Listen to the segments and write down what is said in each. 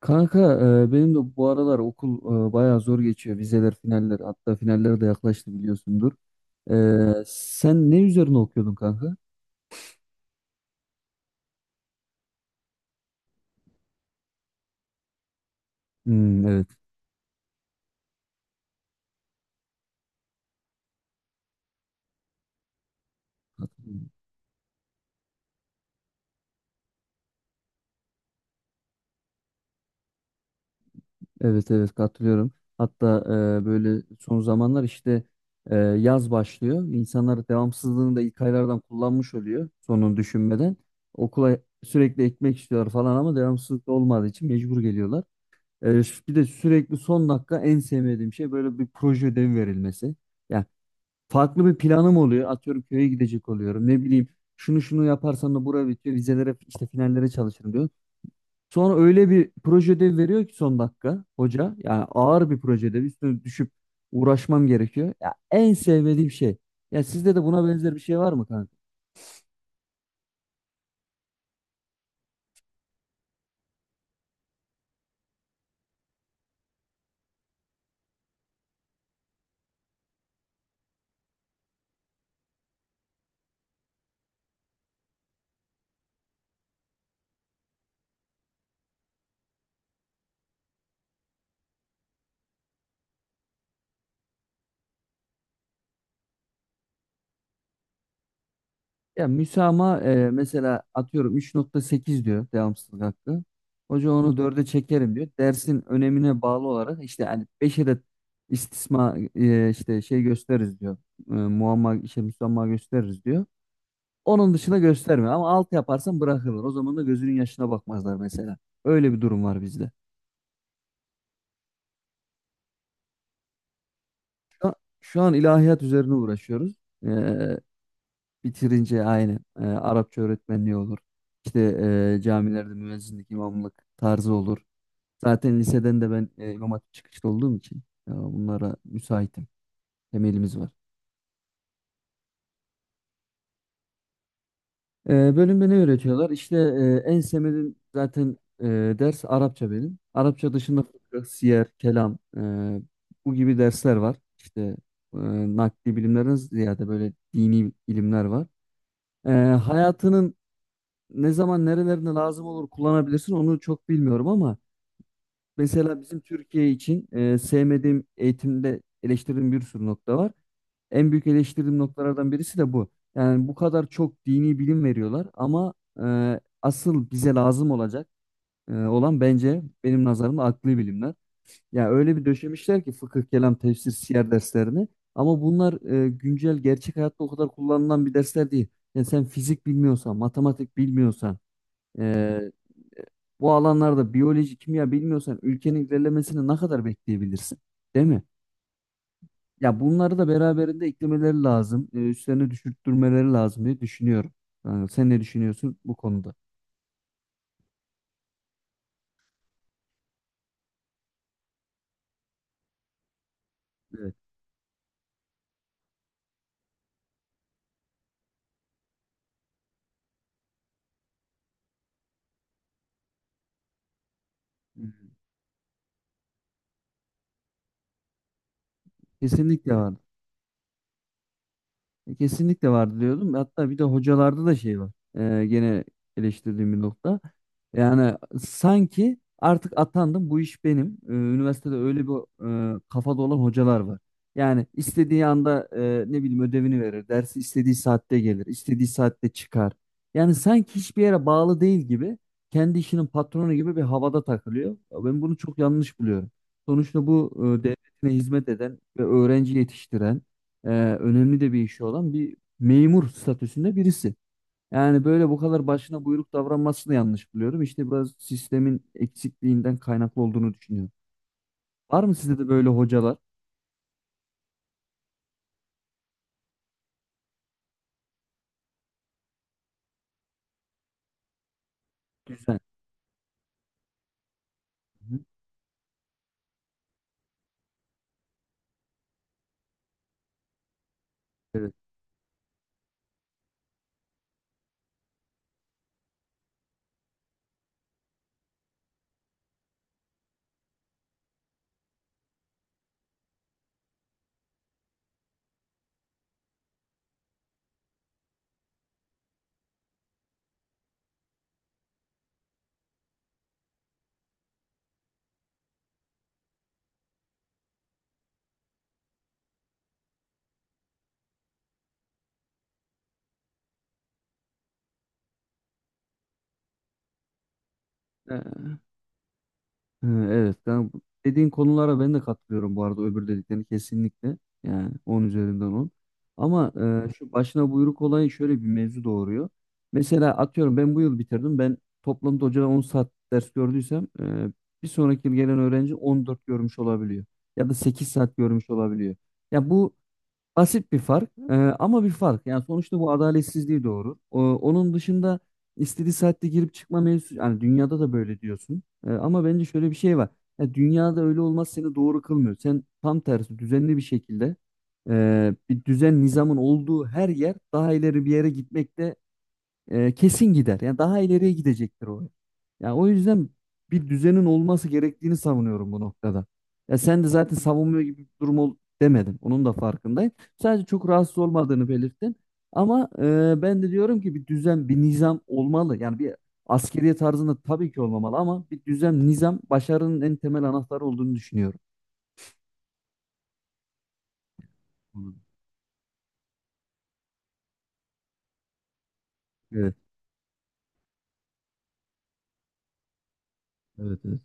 Kanka, benim de bu aralar okul, bayağı zor geçiyor. Vizeler, finaller, hatta finaller de yaklaştı biliyorsundur. Sen ne üzerine okuyordun kanka? Hmm, evet. Katılıyorum. Evet, evet, katılıyorum. Hatta böyle son zamanlar işte, yaz başlıyor. İnsanlar devamsızlığını da ilk aylardan kullanmış oluyor sonunu düşünmeden. Okula sürekli ekmek istiyorlar falan ama devamsızlık da olmadığı için mecbur geliyorlar. E, bir de sürekli son dakika en sevmediğim şey böyle bir proje ödevi verilmesi. Ya. Farklı bir planım oluyor. Atıyorum köye gidecek oluyorum. Ne bileyim şunu şunu yaparsam da bura bitiyor. Vizelere işte finallere çalışırım diyor. Sonra öyle bir proje ödevi veriyor ki son dakika hoca. Yani ağır bir proje ödevi. Üstüne düşüp uğraşmam gerekiyor. Ya, en sevmediğim şey. Ya sizde de buna benzer bir şey var mı kanka? Ya müsamaha, mesela atıyorum 3,8 diyor devamsızlık hakkı. Hoca onu dörde çekerim diyor. Dersin önemine bağlı olarak işte hani 5'e de istisna, işte şey gösteririz diyor. Muamma işte müsamaha gösteririz diyor. Onun dışına göstermiyor ama 6 yaparsan bırakırlar. O zaman da gözünün yaşına bakmazlar mesela. Öyle bir durum var bizde. Şu an, şu an ilahiyat üzerine uğraşıyoruz. E, Bitirince aynı Arapça öğretmenliği olur. İşte, camilerde müezzinlik, imamlık tarzı olur. Zaten liseden de ben, İmam Hatip çıkışlı olduğum için, bunlara müsaitim. Temelimiz var. Bölümde ne öğretiyorlar? İşte, en sevmediğim zaten, ders Arapça benim. Arapça dışında fıkıh, siyer, kelam, bu gibi dersler var. İşte, e, nakli bilimlerden ziyade böyle dini ilimler var. E, hayatının ne zaman nerelerinde lazım olur kullanabilirsin onu çok bilmiyorum ama mesela bizim Türkiye için, sevmediğim eğitimde eleştirdiğim bir sürü nokta var. En büyük eleştirdiğim noktalardan birisi de bu. Yani bu kadar çok dini bilim veriyorlar ama asıl bize lazım olacak, olan bence benim nazarımda akli bilimler. Yani öyle bir döşemişler ki fıkıh, kelam, tefsir, siyer derslerini, ama bunlar, güncel gerçek hayatta o kadar kullanılan bir dersler değil. Yani sen fizik bilmiyorsan, matematik bilmiyorsan, ee, bu alanlarda biyoloji, kimya bilmiyorsan ülkenin ilerlemesini ne kadar bekleyebilirsin? Değil mi? Ya bunları da beraberinde eklemeleri lazım. Üstlerine düşürttürmeleri lazım diye düşünüyorum. Yani sen ne düşünüyorsun bu konuda? Evet. Kesinlikle var. Kesinlikle vardı diyordum. Hatta bir de hocalarda da şey var. Gene eleştirdiğim bir nokta. Yani sanki artık atandım bu iş benim. Üniversitede öyle bir, kafada olan hocalar var. Yani istediği anda ne bileyim ödevini verir. Dersi istediği saatte gelir. İstediği saatte çıkar. Yani sanki hiçbir yere bağlı değil gibi, kendi işinin patronu gibi bir havada takılıyor. Ya, ben bunu çok yanlış buluyorum. Sonuçta bu, devletine hizmet eden ve öğrenci yetiştiren, e, önemli de bir işi olan bir memur statüsünde birisi. Yani böyle bu kadar başına buyruk davranmasını yanlış buluyorum. İşte biraz sistemin eksikliğinden kaynaklı olduğunu düşünüyorum. Var mı sizde de böyle hocalar? Güzel. Hı hı. Evet. He, evet. Ben dediğin konulara ben de katılıyorum bu arada, öbür dediklerini kesinlikle. Yani 10 üzerinden 10. Ama, şu başına buyruk olayı şöyle bir mevzu doğuruyor. Mesela atıyorum ben bu yıl bitirdim. Ben toplamda hocadan 10 saat ders gördüysem, bir sonraki yıl gelen öğrenci 14 görmüş olabiliyor. Ya da 8 saat görmüş olabiliyor. Ya bu basit bir fark, ama bir fark. Yani sonuçta bu adaletsizliği doğurur. Onun dışında istediği saatte girip çıkma mevzusu, yani dünyada da böyle diyorsun. Ama bence şöyle bir şey var. Ya dünyada öyle olmaz seni doğru kılmıyor. Sen tam tersi düzenli bir şekilde, bir düzen nizamın olduğu her yer daha ileri bir yere gitmekte, kesin gider. Yani daha ileriye gidecektir o. Yani o yüzden bir düzenin olması gerektiğini savunuyorum bu noktada. Ya sen de zaten savunmuyor gibi bir durum ol demedin. Onun da farkındayım. Sadece çok rahatsız olmadığını belirttin. Ama, ben de diyorum ki bir düzen, bir nizam olmalı. Yani bir askeriye tarzında tabii ki olmamalı ama bir düzen, nizam başarının en temel anahtarı olduğunu düşünüyorum. Evet. Evet, evet.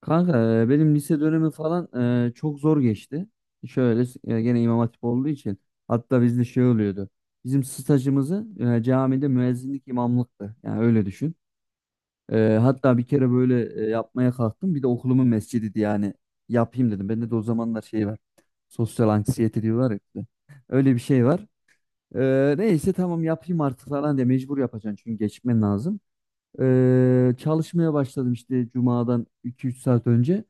Kanka, benim lise dönemi falan, çok zor geçti. Şöyle, gene İmam Hatip olduğu için hatta bizde şey oluyordu. Bizim stajımızı, camide müezzinlik imamlıktı. Yani öyle düşün. Hatta bir kere böyle, yapmaya kalktım. Bir de okulumun mescidiydi yani. Yapayım dedim. Bende de o zamanlar şey var. Sosyal anksiyete diyorlar ya. İşte. Öyle bir şey var. Neyse, tamam yapayım artık falan diye mecbur yapacaksın çünkü geçmen lazım. Çalışmaya başladım işte cumadan 2-3 saat önce.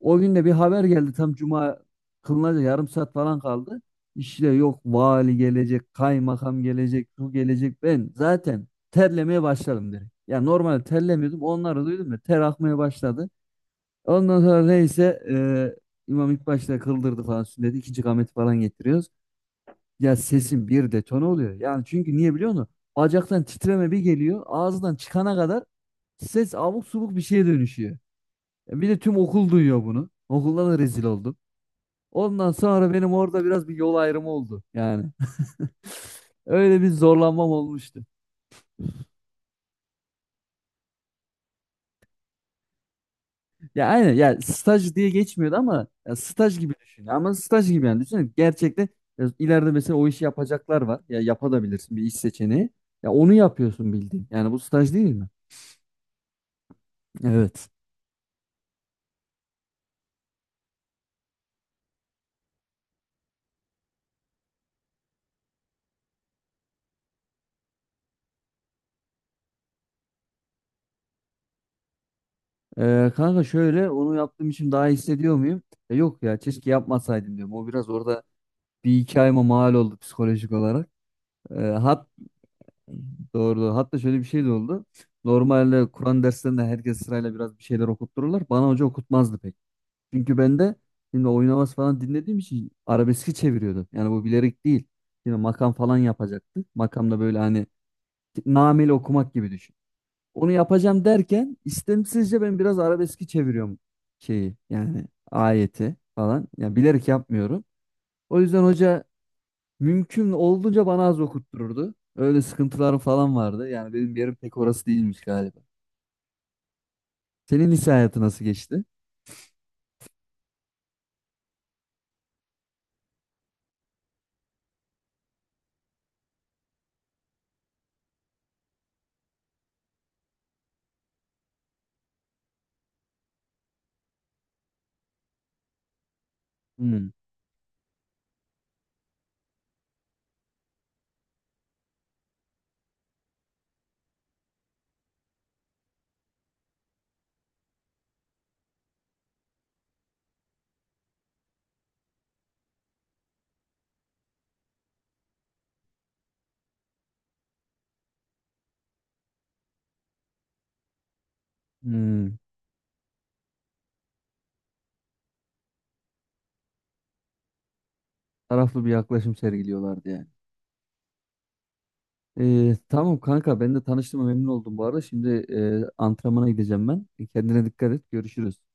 O gün de bir haber geldi tam cuma kılınacak, yarım saat falan kaldı. İşte yok vali gelecek, kaymakam gelecek, şu gelecek. Ben zaten terlemeye başladım direkt. Ya normalde terlemiyordum. Onları duydum da ter akmaya başladı. Ondan sonra neyse, imam ilk başta kıldırdı falan sünneti. İkinci kameti falan getiriyoruz. Ya sesin bir detone oluyor. Yani çünkü niye biliyor musun? Bacaktan titreme bir geliyor. Ağızdan çıkana kadar ses abuk subuk bir şeye dönüşüyor. Bir de tüm okul duyuyor bunu. Okulda da rezil oldum. Ondan sonra benim orada biraz bir yol ayrımı oldu yani. Öyle bir zorlanmam olmuştu. Ya aynen, ya staj diye geçmiyordu ama ya staj gibi düşün. Ama staj gibi yani, düşünün gerçekten, ya ileride mesela o işi yapacaklar var. Ya yapabilirsin, bir iş seçeneği. Ya onu yapıyorsun bildiğin. Yani bu staj değil mi? Evet. Kanka, şöyle onu yaptığım için daha iyi hissediyor muyum? Ya yok, ya keşke yapmasaydım diyorum. O biraz orada bir iki ayıma mal oldu psikolojik olarak. Hat Doğru, doğru. Hatta şöyle bir şey de oldu. Normalde Kur'an derslerinde herkes sırayla biraz bir şeyler okuttururlar. Bana hoca okutmazdı pek. Çünkü ben de şimdi oynaması falan dinlediğim için arabeski çeviriyordu. Yani bu bilerek değil. Şimdi makam falan yapacaktı. Makam böyle hani nameli okumak gibi düşün. Onu yapacağım derken istemsizce ben biraz arabeski çeviriyorum, şeyi yani, ayeti falan. Yani bilerek yapmıyorum. O yüzden hoca mümkün olduğunca bana az okuttururdu. Öyle sıkıntılarım falan vardı. Yani benim yerim pek orası değilmiş galiba. Senin lise hayatı nasıl geçti? Hmm, hmm. Taraflı bir yaklaşım sergiliyorlardı yani. Tamam kanka, ben de tanıştığıma memnun oldum bu arada. Şimdi, antrenmana gideceğim ben. Kendine dikkat et. Görüşürüz.